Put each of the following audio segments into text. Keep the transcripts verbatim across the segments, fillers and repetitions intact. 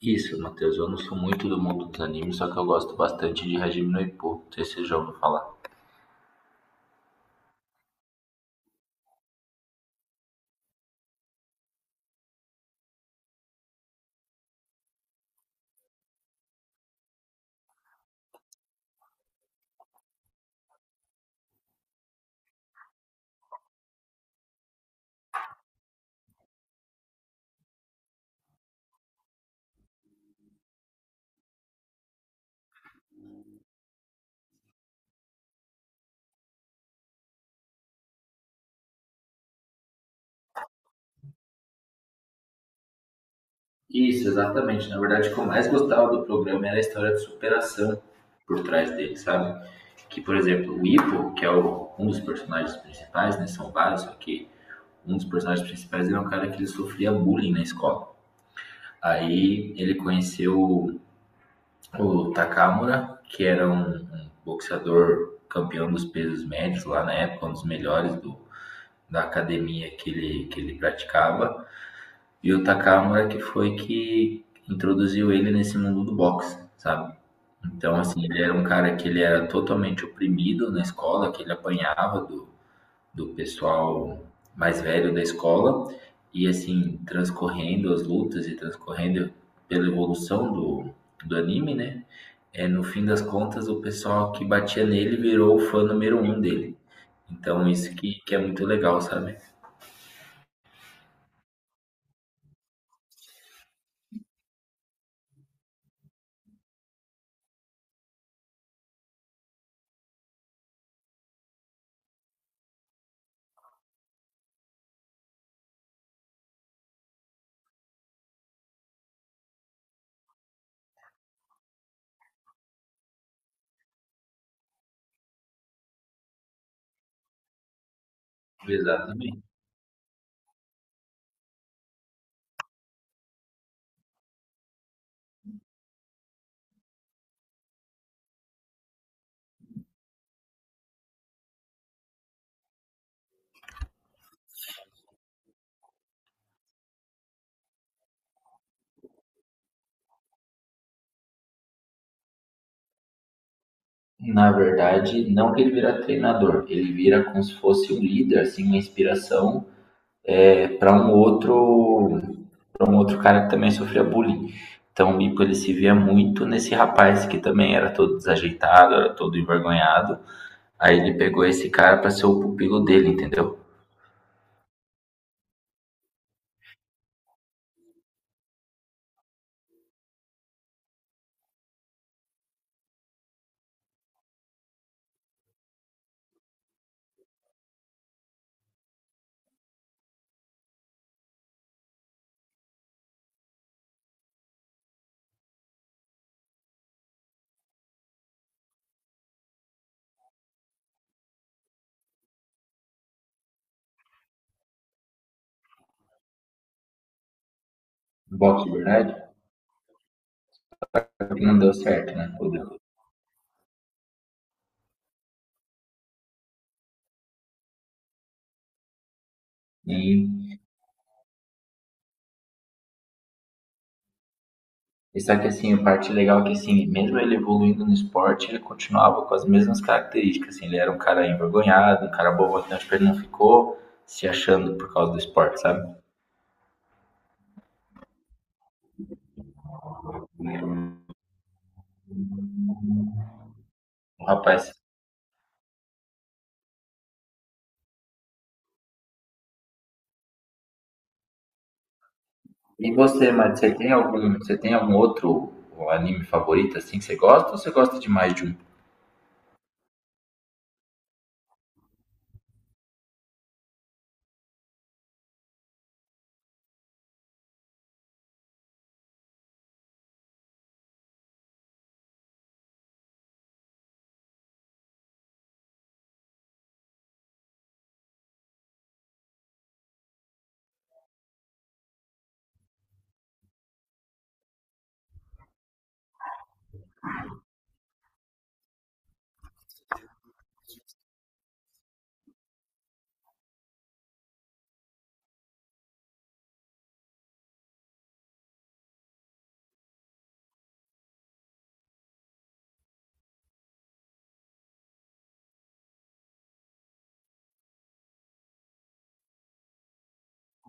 Isso, Matheus, eu não sou muito do mundo dos animes, só que eu gosto bastante de Hajime no Ippo, não sei se você já ouviu falar. Isso, exatamente. Na verdade, o que eu mais gostava do programa era a história de superação por trás dele, sabe? Que, por exemplo, o Ippo, que é o- um dos personagens principais, né? São vários, só que um dos personagens principais era um cara que ele sofria bullying na escola. Aí ele conheceu o Takamura, que era um, um boxeador campeão dos pesos médios lá na época, um dos melhores do, da academia que ele, que ele praticava, e o Takamura que foi que introduziu ele nesse mundo do boxe, sabe? Então, assim, ele era um cara que ele era totalmente oprimido na escola, que ele apanhava do, do pessoal mais velho da escola, e assim, transcorrendo as lutas e transcorrendo pela evolução do, do anime, né? É, no fim das contas, o pessoal que batia nele virou o fã número um dele. Então, isso que, que é muito legal, sabe? Exatamente. Na verdade, não que ele vira treinador, ele vira como se fosse um líder, assim, uma inspiração é, para um outro para um outro cara que também sofria bullying. Então o Mico ele se via muito nesse rapaz que também era todo desajeitado, era todo envergonhado. Aí ele pegou esse cara para ser o pupilo dele, entendeu? Boxe, verdade? Só que não deu certo, né? O- E E só que assim, a parte legal é que assim, mesmo ele evoluindo no esporte, ele continuava com as mesmas características, assim, ele era um cara envergonhado, um cara bobotão, tipo, ele não ficou se achando por causa do esporte, sabe? O rapaz. E você, Mati, você tem algum, você tem algum outro anime favorito assim que você gosta ou você gosta de mais de um?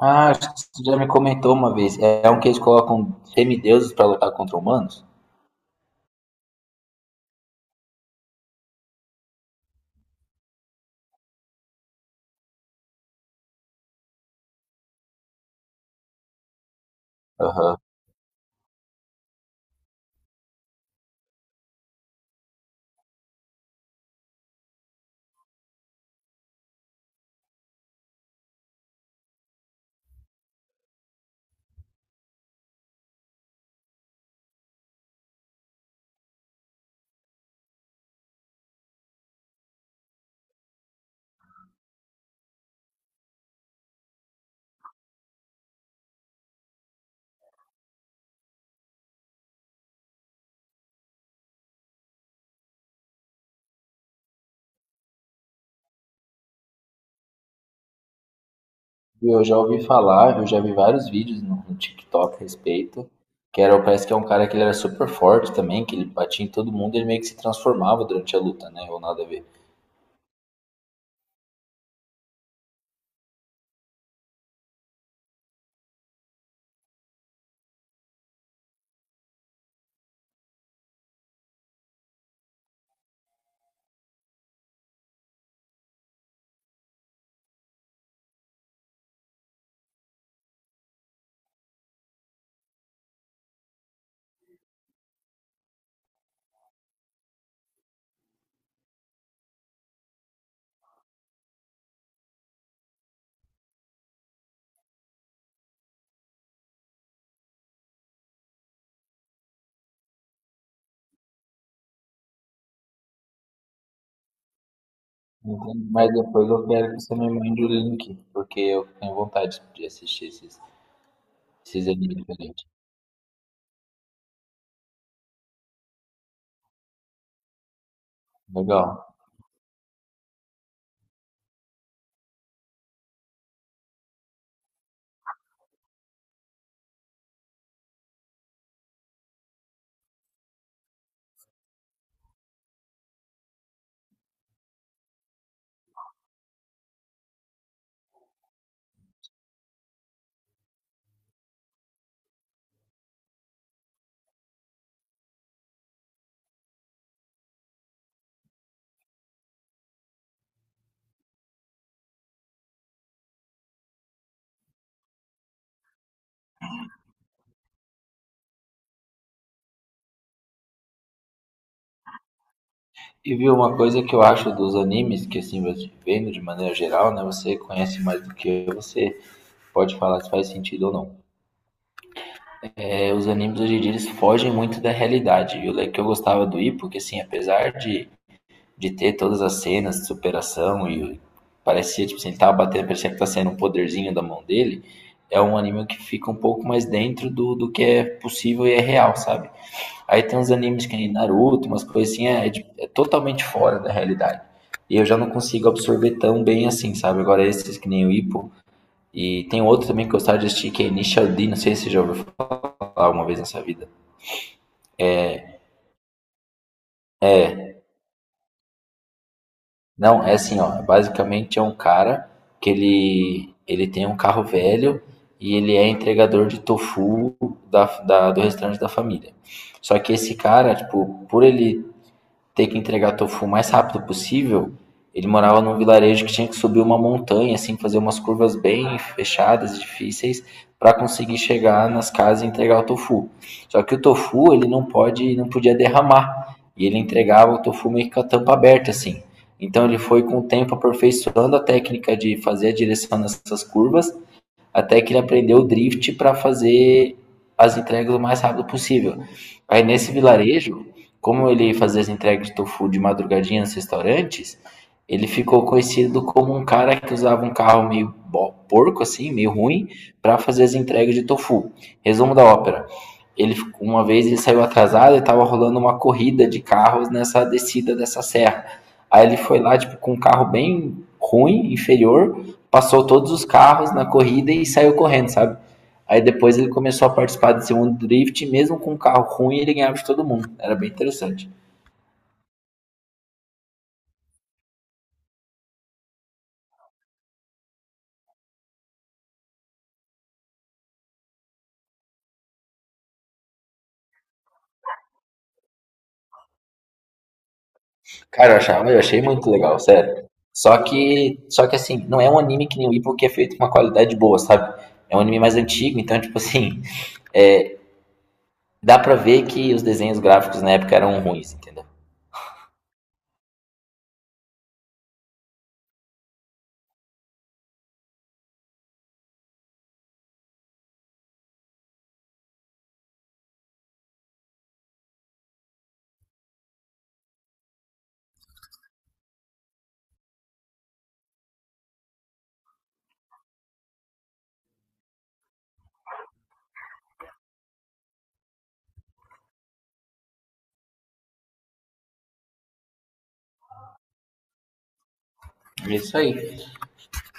Ah, acho que você já me comentou uma vez. É um que eles colocam semideuses pra lutar contra humanos? Aham. Eu já ouvi falar, eu já vi vários vídeos no no TikTok a respeito, que era, parece que é um cara que ele era super forte também, que ele batia em todo mundo e ele meio que se transformava durante a luta, né? Ou nada a ver. Então, mas depois eu quero que você me mande o link, porque eu tenho vontade de assistir esses, esses animes diferentes. Legal. E viu uma coisa que eu acho dos animes, que assim, você vendo de maneira geral, né? Você conhece mais do que eu, você pode falar se faz sentido ou não. É, os animes hoje em dia eles fogem muito da realidade. E o le- que eu gostava do Ippo, que assim, apesar de, de ter todas as cenas de superação e o- parecia, tipo assim, ele tava batendo, parecia que tá saindo um poderzinho da mão dele, é um anime que fica um pouco mais dentro do, do que é possível e é real, sabe? Aí tem uns animes que nem Naruto, umas coisas assim, é, é de- é totalmente fora da realidade. E eu já não consigo absorver tão bem assim, sabe? Agora esses que nem o Ippo. E tem outro também que eu gostava de assistir, que é Initial D, não sei se você já ouviu falar uma vez na sua vida. Não, é assim, ó, basicamente é um cara que ele ele tem um carro velho e ele é entregador de tofu da, da- do restaurante da família. Só que esse cara, tipo, por ele ter que entregar tofu o mais rápido possível, ele morava num vilarejo que tinha que subir uma montanha, assim, fazer umas curvas bem fechadas, difíceis, para conseguir chegar nas casas e entregar o tofu. Só que o tofu, ele não pode, não podia derramar. E ele entregava o tofu meio que com a tampa aberta, assim. Então ele foi com o tempo aperfeiçoando a técnica de fazer a direção nessas curvas até que ele aprendeu o drift para fazer as entregas o mais rápido possível. Aí nesse vilarejo, como ele fazia as entregas de tofu de madrugadinha nos restaurantes, ele ficou conhecido como um cara que usava um carro meio bo- porco assim, meio ruim, para fazer as entregas de tofu. Resumo da ópera. Ele uma vez ele saiu atrasado e estava rolando uma corrida de carros nessa descida dessa serra. Aí ele foi lá tipo com um carro bem ruim, inferior, passou todos os carros na corrida e saiu correndo, sabe? Aí depois ele começou a participar desse mundo drift, e mesmo com um carro ruim, ele ganhava de todo mundo. Era bem interessante. Cara, eu, achava, eu achei muito legal, sério. Só que, só que assim, não é um anime que nem o Ipo que é feito com uma qualidade boa, sabe? É um anime mais antigo, então, tipo assim, é, dá pra ver que os desenhos gráficos na época eram ruins, entendeu? É isso aí.